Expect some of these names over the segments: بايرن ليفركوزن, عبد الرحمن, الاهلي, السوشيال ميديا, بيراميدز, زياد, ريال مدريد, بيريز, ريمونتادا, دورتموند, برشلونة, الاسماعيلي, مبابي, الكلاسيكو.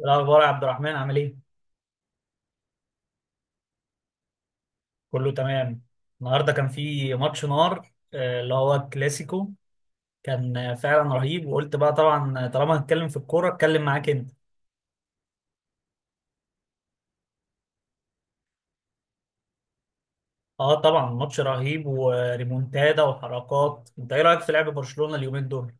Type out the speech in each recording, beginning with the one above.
إيه الأخبار يا عبد الرحمن، عامل إيه؟ كله تمام. النهاردة كان في ماتش نار، اللي هو الكلاسيكو كان فعلا رهيب، وقلت بقى طبعا طالما هتكلم في الكورة اتكلم معاك أنت. أه، طبعا ماتش رهيب وريمونتادا وحركات، أنت إيه رأيك في لعب برشلونة اليومين دول؟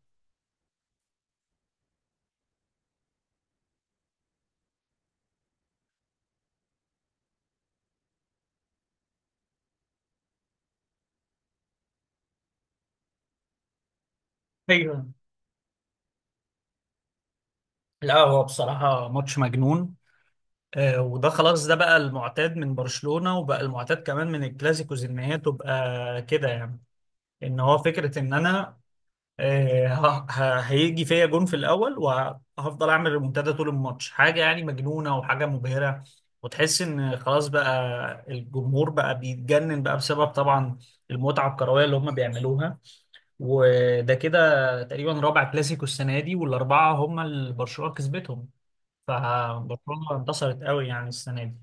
ايوه. لا، هو بصراحة ماتش مجنون. وده خلاص، ده بقى المعتاد من برشلونة، وبقى المعتاد كمان من الكلاسيكوز، إن هي تبقى كده يعني. إن هو فكرة إن أنا هيجي فيا جون في الاول وهفضل اعمل ريمونتادا طول الماتش، حاجه يعني مجنونه وحاجه مبهره. وتحس ان خلاص بقى الجمهور بقى بيتجنن بقى بسبب طبعا المتعه الكرويه اللي هم بيعملوها. وده كده تقريبا رابع كلاسيكو السنه دي، والاربعه هم اللي برشلونه كسبتهم، فبرشلونه انتصرت قوي يعني السنه دي.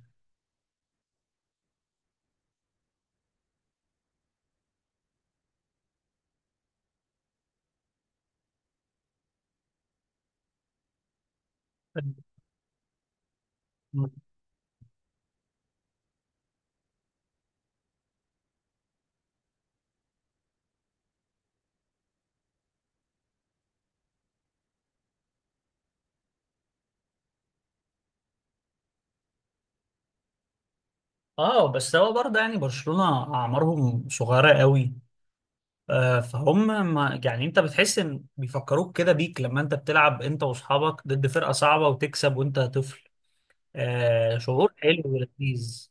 اه بس هو برضه يعني برشلونه اعمارهم صغيره قوي، فهم ما يعني، انت بتحس ان بيفكروك كده بيك لما انت بتلعب انت واصحابك ضد فرقة صعبة وتكسب وانت طفل. آه، شعور حلو ولذيذ.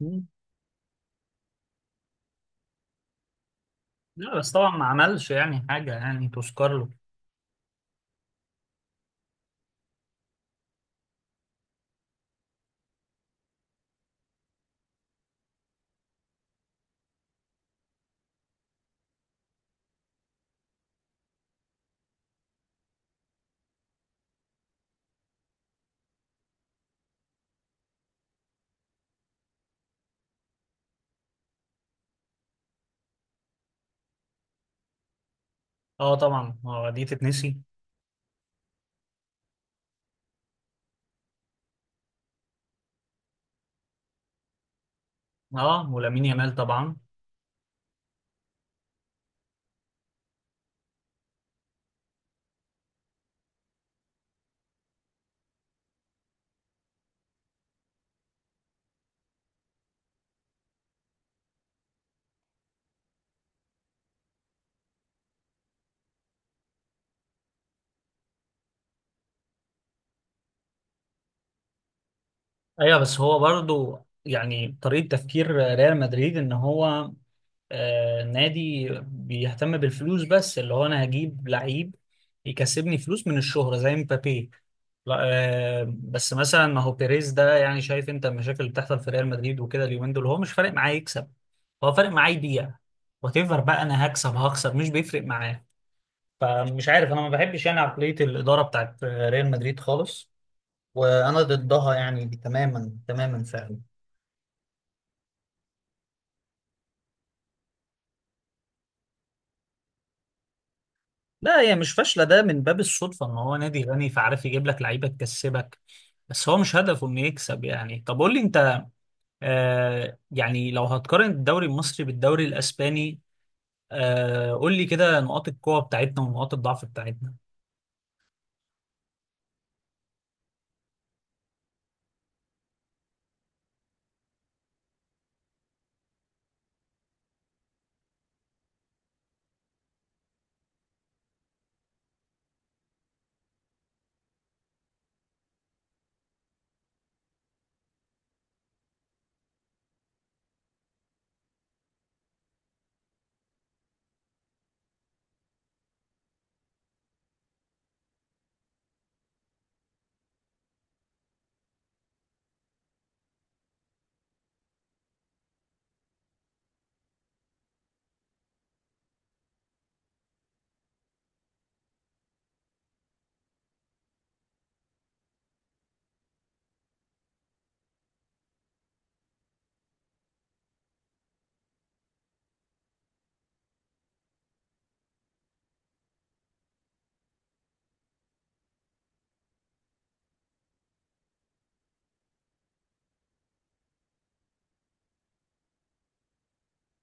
مم. لا، بس طبعا ما عملش يعني حاجة يعني تذكر له. اه طبعا، دي تتنسي. اه، ولامين يامال طبعا. ايوه، بس هو برضو يعني طريقة تفكير ريال مدريد، ان هو نادي بيهتم بالفلوس، بس اللي هو انا هجيب لعيب يكسبني فلوس من الشهرة زي مبابي. لا. بس مثلا ما هو بيريز ده، يعني شايف انت المشاكل اللي بتحصل في ريال مدريد وكده اليومين دول، هو مش فارق معاه يكسب، هو فارق معاه يبيع، وتفر بقى انا هكسب هخسر مش بيفرق معاه. فمش عارف، انا ما بحبش يعني عقلية الإدارة بتاعت ريال مدريد خالص، وانا ضدها يعني تماما تماما فعلا. لا، هي مش فاشله، ده من باب الصدفه ان هو نادي غني فعارف يجيب لك لعيبه تكسبك، بس هو مش هدفه انه يكسب. يعني طب قول لي انت، يعني لو هتقارن الدوري المصري بالدوري الاسباني، قول لي كده نقاط القوه بتاعتنا ونقاط الضعف بتاعتنا.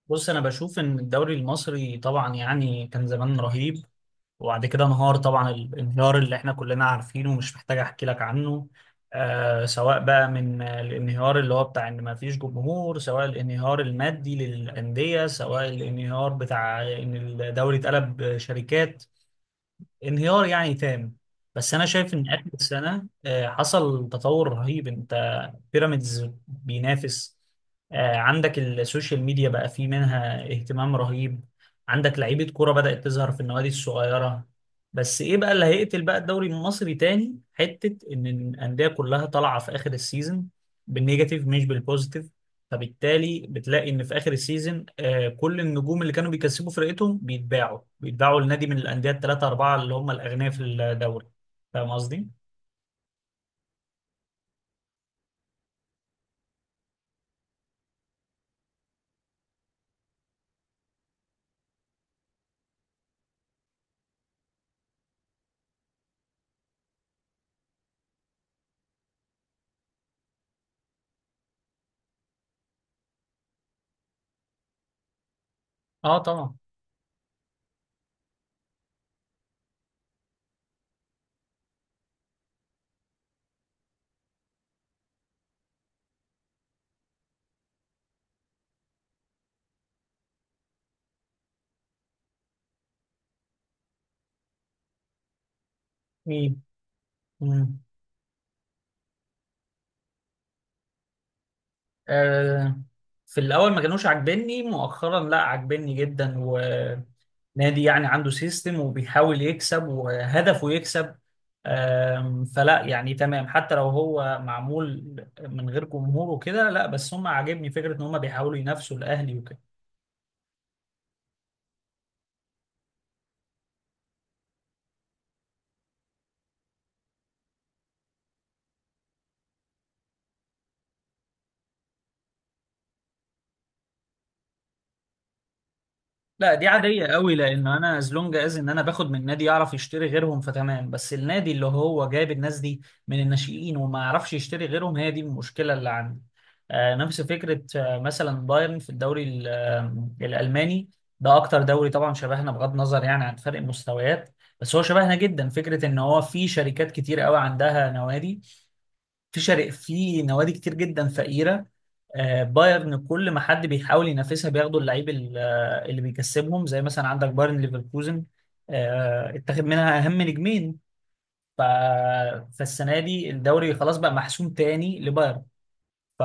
بص، انا بشوف ان الدوري المصري طبعا يعني كان زمان رهيب، وبعد كده انهار طبعا، الانهيار اللي احنا كلنا عارفينه ومش محتاج احكي لك عنه. سواء بقى من الانهيار اللي هو بتاع ان ما فيش جمهور، سواء الانهيار المادي للأندية، سواء الانهيار بتاع ان الدوري اتقلب شركات. انهيار يعني تام. بس انا شايف ان اخر السنه حصل تطور رهيب. انت، بيراميدز بينافس، عندك السوشيال ميديا بقى فيه منها اهتمام رهيب، عندك لعيبه كوره بدات تظهر في النوادي الصغيره. بس ايه بقى اللي هيقتل بقى الدوري المصري تاني، حته ان الانديه كلها طالعه في اخر السيزون بالنيجاتيف مش بالبوزيتيف. فبالتالي بتلاقي ان في اخر السيزون كل النجوم اللي كانوا بيكسبوا فرقتهم بيتباعوا بيتباعوا لنادي من الانديه الثلاثه اربعه اللي هم الاغنياء في الدوري. فاهم قصدي؟ اه طبعا. مين؟ مم. آه في الاول ما كانوش عاجبني، مؤخرا لا، عاجبني جدا، ونادي يعني عنده سيستم وبيحاول يكسب وهدفه يكسب. فلا يعني تمام، حتى لو هو معمول من غير جمهور وكده، لا بس هم عاجبني فكره ان هم بيحاولوا ينافسوا الاهلي وكده. لا، دي عادية قوي، لأن أنا از لونج از إن أنا باخد من نادي يعرف يشتري غيرهم فتمام، بس النادي اللي هو جايب الناس دي من الناشئين وما يعرفش يشتري غيرهم، هي دي المشكلة اللي عندي. نفس فكرة، مثلا بايرن في الدوري الألماني، ده أكتر دوري طبعا شبهنا بغض النظر يعني عن فرق المستويات. بس هو شبهنا جدا، فكرة إن هو في شركات كتير قوي عندها نوادي، في شرق في نوادي كتير جدا فقيرة. بايرن كل ما حد بيحاول ينافسها بياخدوا اللعيب اللي بيكسبهم، زي مثلا عندك بايرن ليفركوزن اتخذ منها أهم نجمين. ف... فالسنة دي الدوري خلاص بقى محسوم تاني لبايرن. ف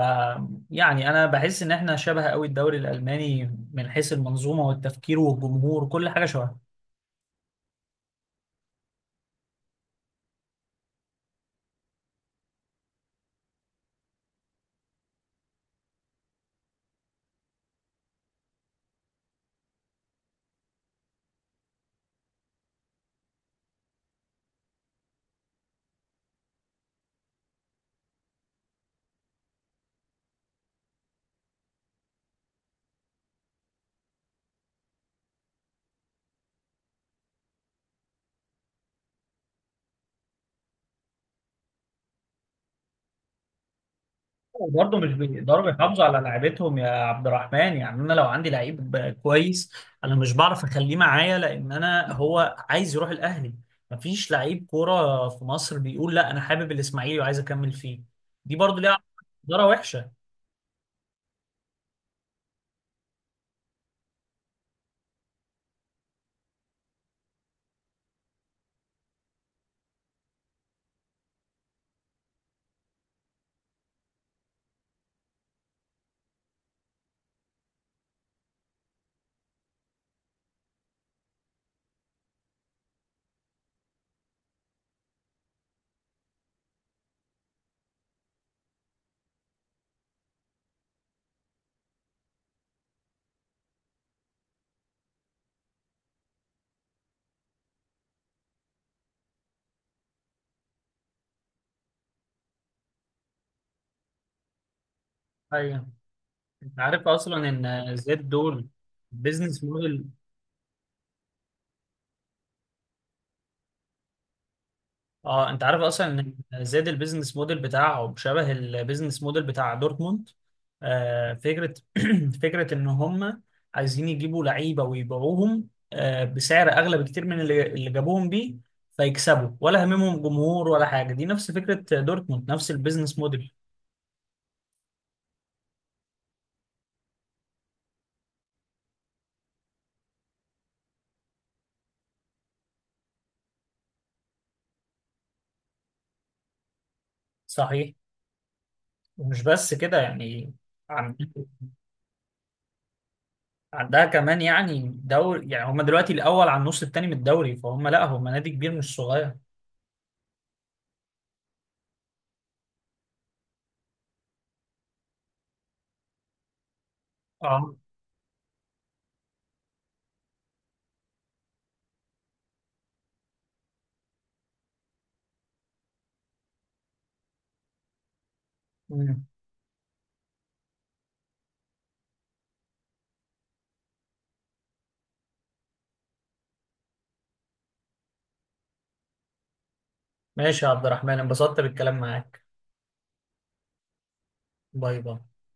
يعني أنا بحس إن احنا شبه قوي الدوري الألماني من حيث المنظومة والتفكير والجمهور، كل حاجة شبه. برضه مش بيقدروا يحافظوا على لعيبتهم يا عبد الرحمن، يعني انا لو عندي لعيب كويس انا مش بعرف اخليه معايا، لان انا هو عايز يروح الاهلي. مفيش لعيب كوره في مصر بيقول لا انا حابب الاسماعيلي وعايز اكمل فيه. دي برضه ليها اداره وحشه. ايوه، انت عارف اصلا ان زياد دول بيزنس موديل. اه، انت عارف اصلا ان زاد البيزنس موديل بتاعه شبه البيزنس موديل بتاع دورتموند. فكره فكره ان هم عايزين يجيبوا لعيبه ويبيعوهم بسعر اغلى بكتير من اللي جابوهم بيه، فيكسبوا ولا هممهم جمهور ولا حاجه. دي نفس فكره دورتموند، نفس البيزنس موديل. صحيح. ومش بس كده يعني عن- عندها كمان يعني دوري، يعني هم دلوقتي الاول على النص التاني من الدوري، فهم لا هم نادي كبير مش صغير. اه، ماشي يا عبد الرحمن، انبسطت بالكلام معاك. باي باي.